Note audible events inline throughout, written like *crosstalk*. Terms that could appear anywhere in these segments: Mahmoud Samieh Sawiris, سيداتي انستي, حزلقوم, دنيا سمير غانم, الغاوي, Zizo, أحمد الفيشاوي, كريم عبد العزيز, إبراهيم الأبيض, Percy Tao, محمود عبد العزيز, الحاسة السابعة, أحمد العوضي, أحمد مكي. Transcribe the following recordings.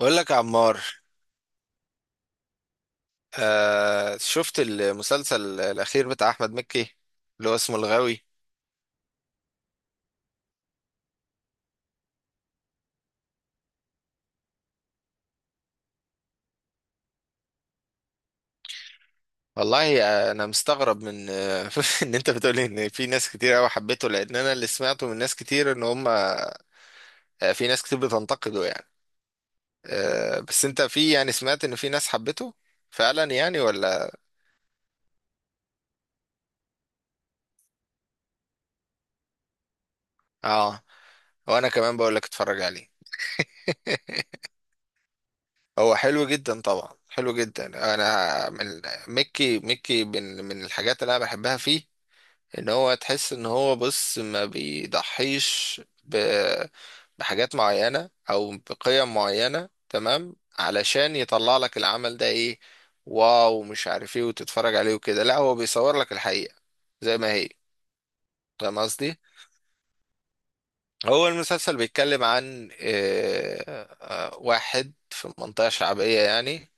بقول لك يا عمار. آه، شفت المسلسل الأخير بتاع أحمد مكي، اللي هو اسمه الغاوي. والله، أنا مستغرب من *laughs* إن أنت بتقولي إن في ناس كتير أوي حبيته، لأن أنا اللي سمعته من ناس كتير إن هم، في ناس كتير بتنتقده يعني. بس أنت، في يعني، سمعت إن في ناس حبيته فعلا يعني، ولا؟ آه وأنا كمان بقول لك، اتفرج عليه. هو حلو جدا طبعا، حلو جدا. أنا مكي، من الحاجات اللي أنا بحبها فيه، ان هو، تحس ان هو بص، ما بيضحيش بحاجات معينة او بقيم معينة، تمام، علشان يطلع لك العمل ده ايه، واو، مش عارف ايه، وتتفرج عليه وكده. لا، هو بيصور لك الحقيقة زي ما هي. فاهم قصدي؟ هو المسلسل بيتكلم عن واحد في منطقة شعبية يعني،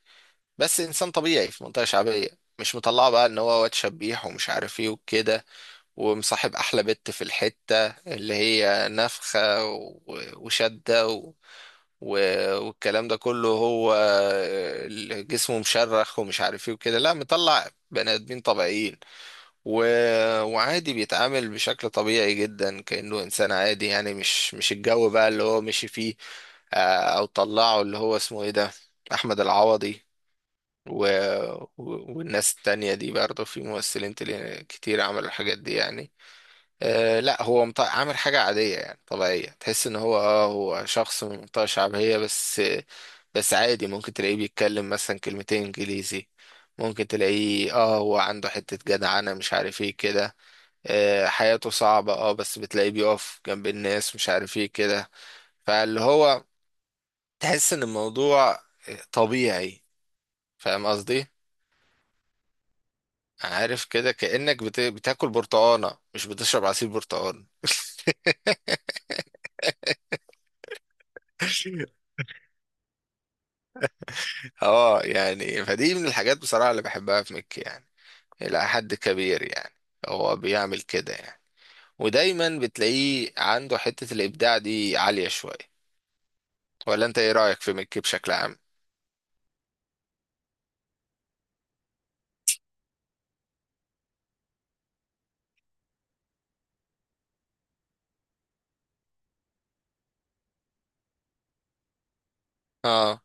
بس انسان طبيعي في منطقة شعبية، مش مطلعه بقى ان هو واد شبيح ومش عارف ايه وكده، ومصاحب احلى بت في الحتة، اللي هي نفخة وشدة والكلام ده كله، هو جسمه مشرخ ومش عارف ايه وكده. لا، مطلع بني ادمين طبيعيين، و... وعادي، بيتعامل بشكل طبيعي جدا كأنه انسان عادي يعني، مش الجو بقى اللي هو مشي فيه. او طلعه اللي هو اسمه ايه ده، احمد العوضي، و... والناس التانية دي برضه، في ممثلين كتير عملوا الحاجات دي يعني. لا، هو عامل حاجة عادية يعني، طبيعية، تحس ان هو هو شخص من منطقة شعبية بس. بس عادي، ممكن تلاقيه بيتكلم مثلا كلمتين انجليزي، ممكن تلاقيه هو عنده حتة جدع، انا مش عارف ايه كده. حياته صعبة، بس بتلاقيه بيقف جنب الناس، مش عارف ايه كده. فاللي هو، تحس ان الموضوع طبيعي. فاهم قصدي؟ عارف كده، كأنك بتاكل برتقانة، مش بتشرب عصير برتقال. *laughs* اه يعني، فدي من الحاجات بصراحة اللي بحبها في مكي يعني، إلى حد كبير يعني، هو بيعمل كده يعني. ودايما بتلاقيه عنده حتة الإبداع دي عالية شوية. ولا أنت، إيه رأيك في مكي بشكل عام؟ اه،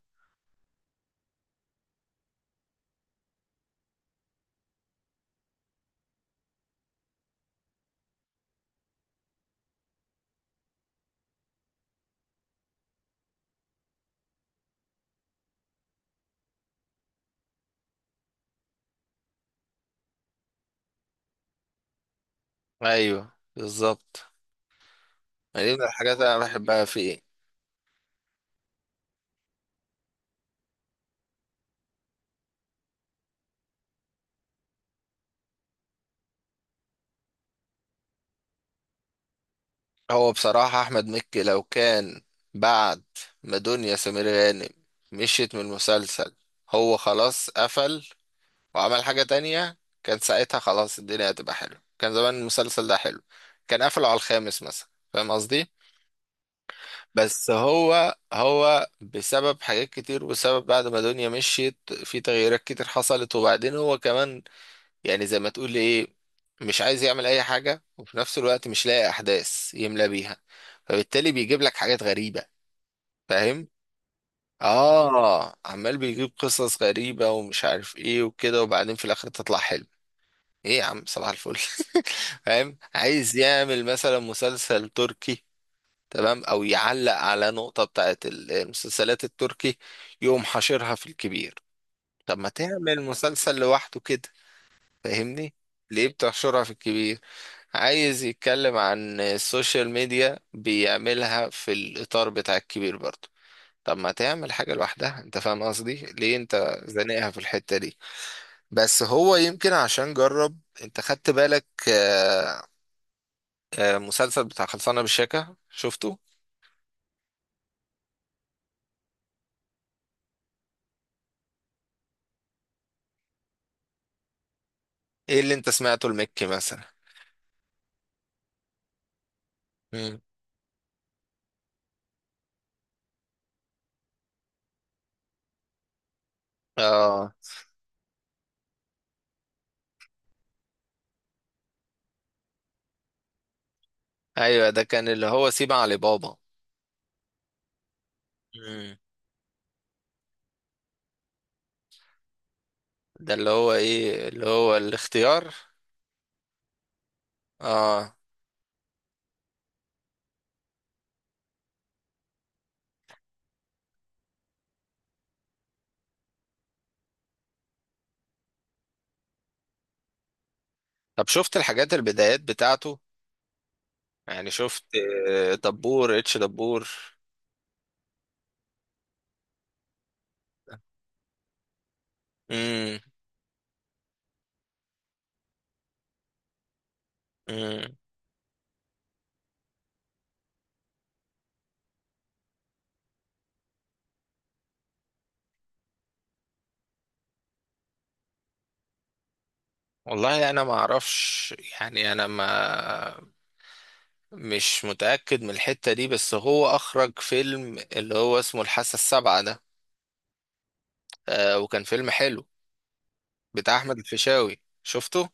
أيوه، بالظبط. ما دي من الحاجات اللي أنا بحبها فيه. هو بصراحة أحمد مكي، لو كان بعد ما دنيا سمير غانم مشيت من المسلسل، هو خلاص قفل وعمل حاجة تانية، كان ساعتها خلاص الدنيا هتبقى حلوة، كان زمان المسلسل ده حلو. كان قفله على الخامس مثلا. فاهم قصدي؟ بس هو بسبب حاجات كتير، وبسبب بعد ما دنيا مشيت، في تغييرات كتير حصلت، وبعدين هو كمان، يعني زي ما تقول ايه، مش عايز يعمل اي حاجة، وفي نفس الوقت مش لاقي احداث يملى بيها، فبالتالي بيجيب لك حاجات غريبة. فاهم؟ اه، عمال بيجيب قصص غريبة ومش عارف ايه وكده، وبعدين في الاخر تطلع حلو. ايه يا عم، صباح الفل! *laughs* فاهم، عايز يعمل مثلا مسلسل تركي، تمام، او يعلق على نقطة بتاعت المسلسلات التركي، يقوم حاشرها في الكبير. طب ما تعمل مسلسل لوحده كده. فاهمني؟ ليه بتحشرها في الكبير؟ عايز يتكلم عن السوشيال ميديا، بيعملها في الإطار بتاع الكبير برضه. طب ما تعمل حاجة لوحدها انت، فاهم قصدي؟ ليه انت زانقها في الحتة دي؟ بس هو يمكن عشان جرب. انت خدت بالك، مسلسل بتاع خلصانة بالشيكة، شفته؟ ايه اللي انت سمعته المكي مثلا؟ مم. اه، ايوه، ده كان اللي هو سيب علي بابا. مم. ده اللي هو ايه، اللي هو الاختيار. اه. طب شفت الحاجات، البدايات بتاعته؟ يعني شفت دبور، اتش دبور. مم. مم. والله انا ما اعرفش. يعني انا ما مش متأكد من الحتة دي. بس هو اخرج فيلم اللي هو اسمه الحاسة السابعة ده، وكان فيلم حلو، بتاع احمد الفيشاوي، شفته؟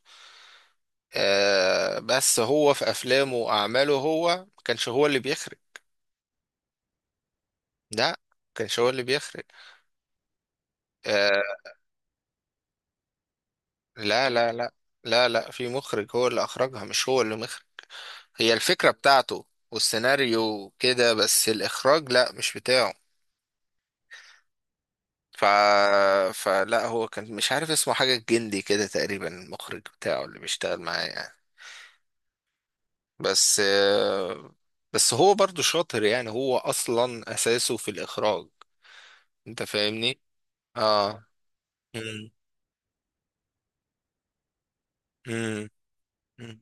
بس هو في افلامه واعماله، هو ما كانش هو اللي بيخرج. لا، ما كانش هو اللي بيخرج. آه، لا لا لا، لا لا، في مخرج هو اللي اخرجها، مش هو اللي مخرج. هي الفكرة بتاعته والسيناريو كده، بس الاخراج لا، مش بتاعه. ف... فلا هو كان، مش عارف اسمه، حاجة الجندي كده تقريبا، المخرج بتاعه اللي بيشتغل معاه يعني. بس آه، بس هو برضو شاطر يعني، هو اصلا اساسه في الاخراج. انت فاهمني؟ اه. مم. مم. مم.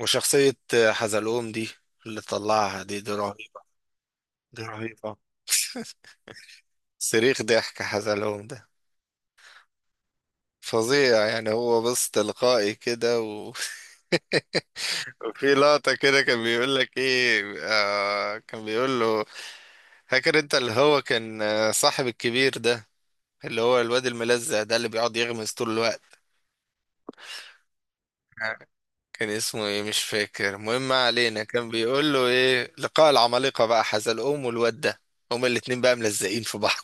وشخصية حزلقوم دي، اللي طلعها، دي رهيبة. دي رهيبة. *laughs* صريخ ضحك حزلقوم ده فظيع يعني، هو بص، تلقائي كده *laughs* وفي لقطة كده كان بيقول لك ايه، كان بيقول له، فاكر انت اللي هو كان، صاحب الكبير ده، اللي هو الواد الملزق ده اللي بيقعد يغمز طول الوقت، كان اسمه ايه، مش فاكر، المهم ما علينا. كان بيقول له ايه، لقاء العمالقة بقى، حزلقوم والواد ده، هما الاتنين بقى ملزقين في بعض.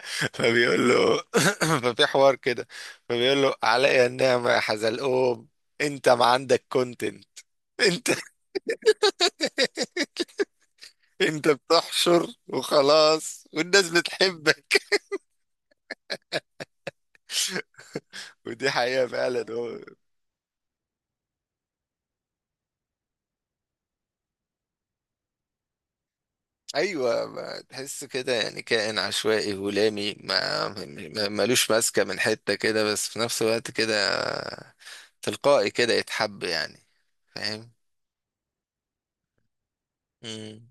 *laughs* فبيقول له، *coughs* *laughs* ففي حوار كده، فبيقول له، علي النعمة يا حزلقوم، انت ما عندك كونتنت، انت *laughs* انت بتحشر وخلاص، والناس بتحبك. *laughs* ودي حقيقة فعلا، هو. ايوه، ما تحس كده يعني، كائن عشوائي هلامي، ملوش ماسكة من حتة كده، بس في نفس الوقت كده تلقائي كده يتحب يعني. فاهم؟ مم.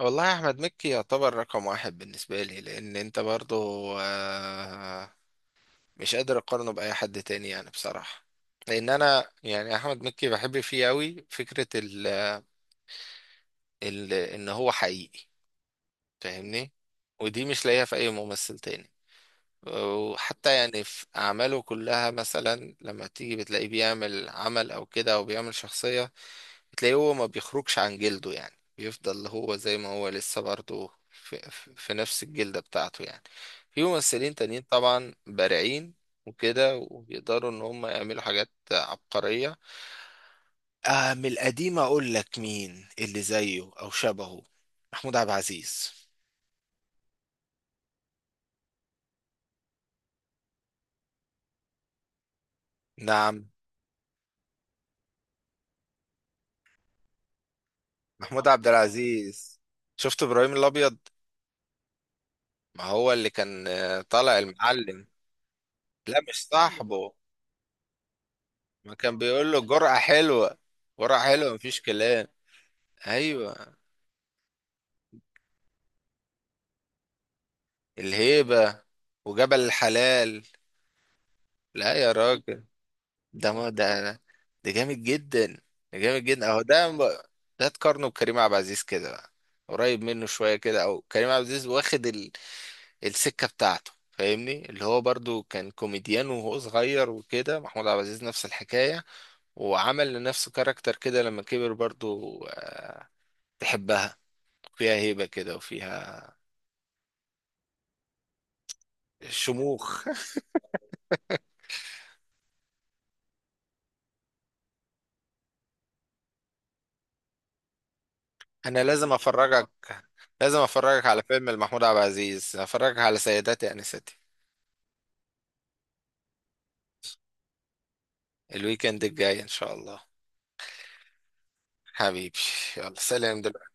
والله يا احمد، مكي يعتبر رقم واحد بالنسبه لي، لان انت برضو آه، مش قادر اقارنه باي حد تاني يعني بصراحه. لان انا يعني احمد مكي بحب فيه قوي فكره ال ان هو حقيقي. فاهمني؟ ودي مش لاقيها في اي ممثل تاني. وحتى يعني في اعماله كلها، مثلا لما تيجي بتلاقيه بيعمل عمل او كده، او بيعمل شخصيه، تلاقيه هو ما بيخرجش عن جلده يعني، بيفضل هو زي ما هو لسه برضه في نفس الجلدة بتاعته يعني. في ممثلين تانيين طبعا بارعين وكده، وبيقدروا ان هم يعملوا حاجات عبقرية. من القديم اقول لك مين اللي زيه او شبهه؟ محمود عبد العزيز. نعم. محمود عبد العزيز. شفت ابراهيم الابيض؟ ما هو اللي كان طالع المعلم. لا، مش صاحبه. ما كان بيقول له جرأة حلوة. جرأة حلوة، مفيش كلام. ايوه. الهيبة وجبل الحلال. لا يا راجل، ده ما ده، ده جامد جدا. ده جامد جدا اهو ده. ده تقارنه بكريم عبد العزيز كده بقى، قريب منه شوية كده، او كريم عبد العزيز واخد السكة بتاعته. فاهمني، اللي هو برضو كان كوميديان وهو صغير وكده، محمود عبد العزيز نفس الحكاية. وعمل لنفسه كاركتر كده لما كبر برضو، تحبها، فيها هيبة كده وفيها شموخ. انا لازم افرجك، لازم افرجك على فيلم لمحمود عبد العزيز، افرجك على سيداتي انستي. الويكند الجاي ان شاء الله. حبيبي، يلا سلام دلوقتي.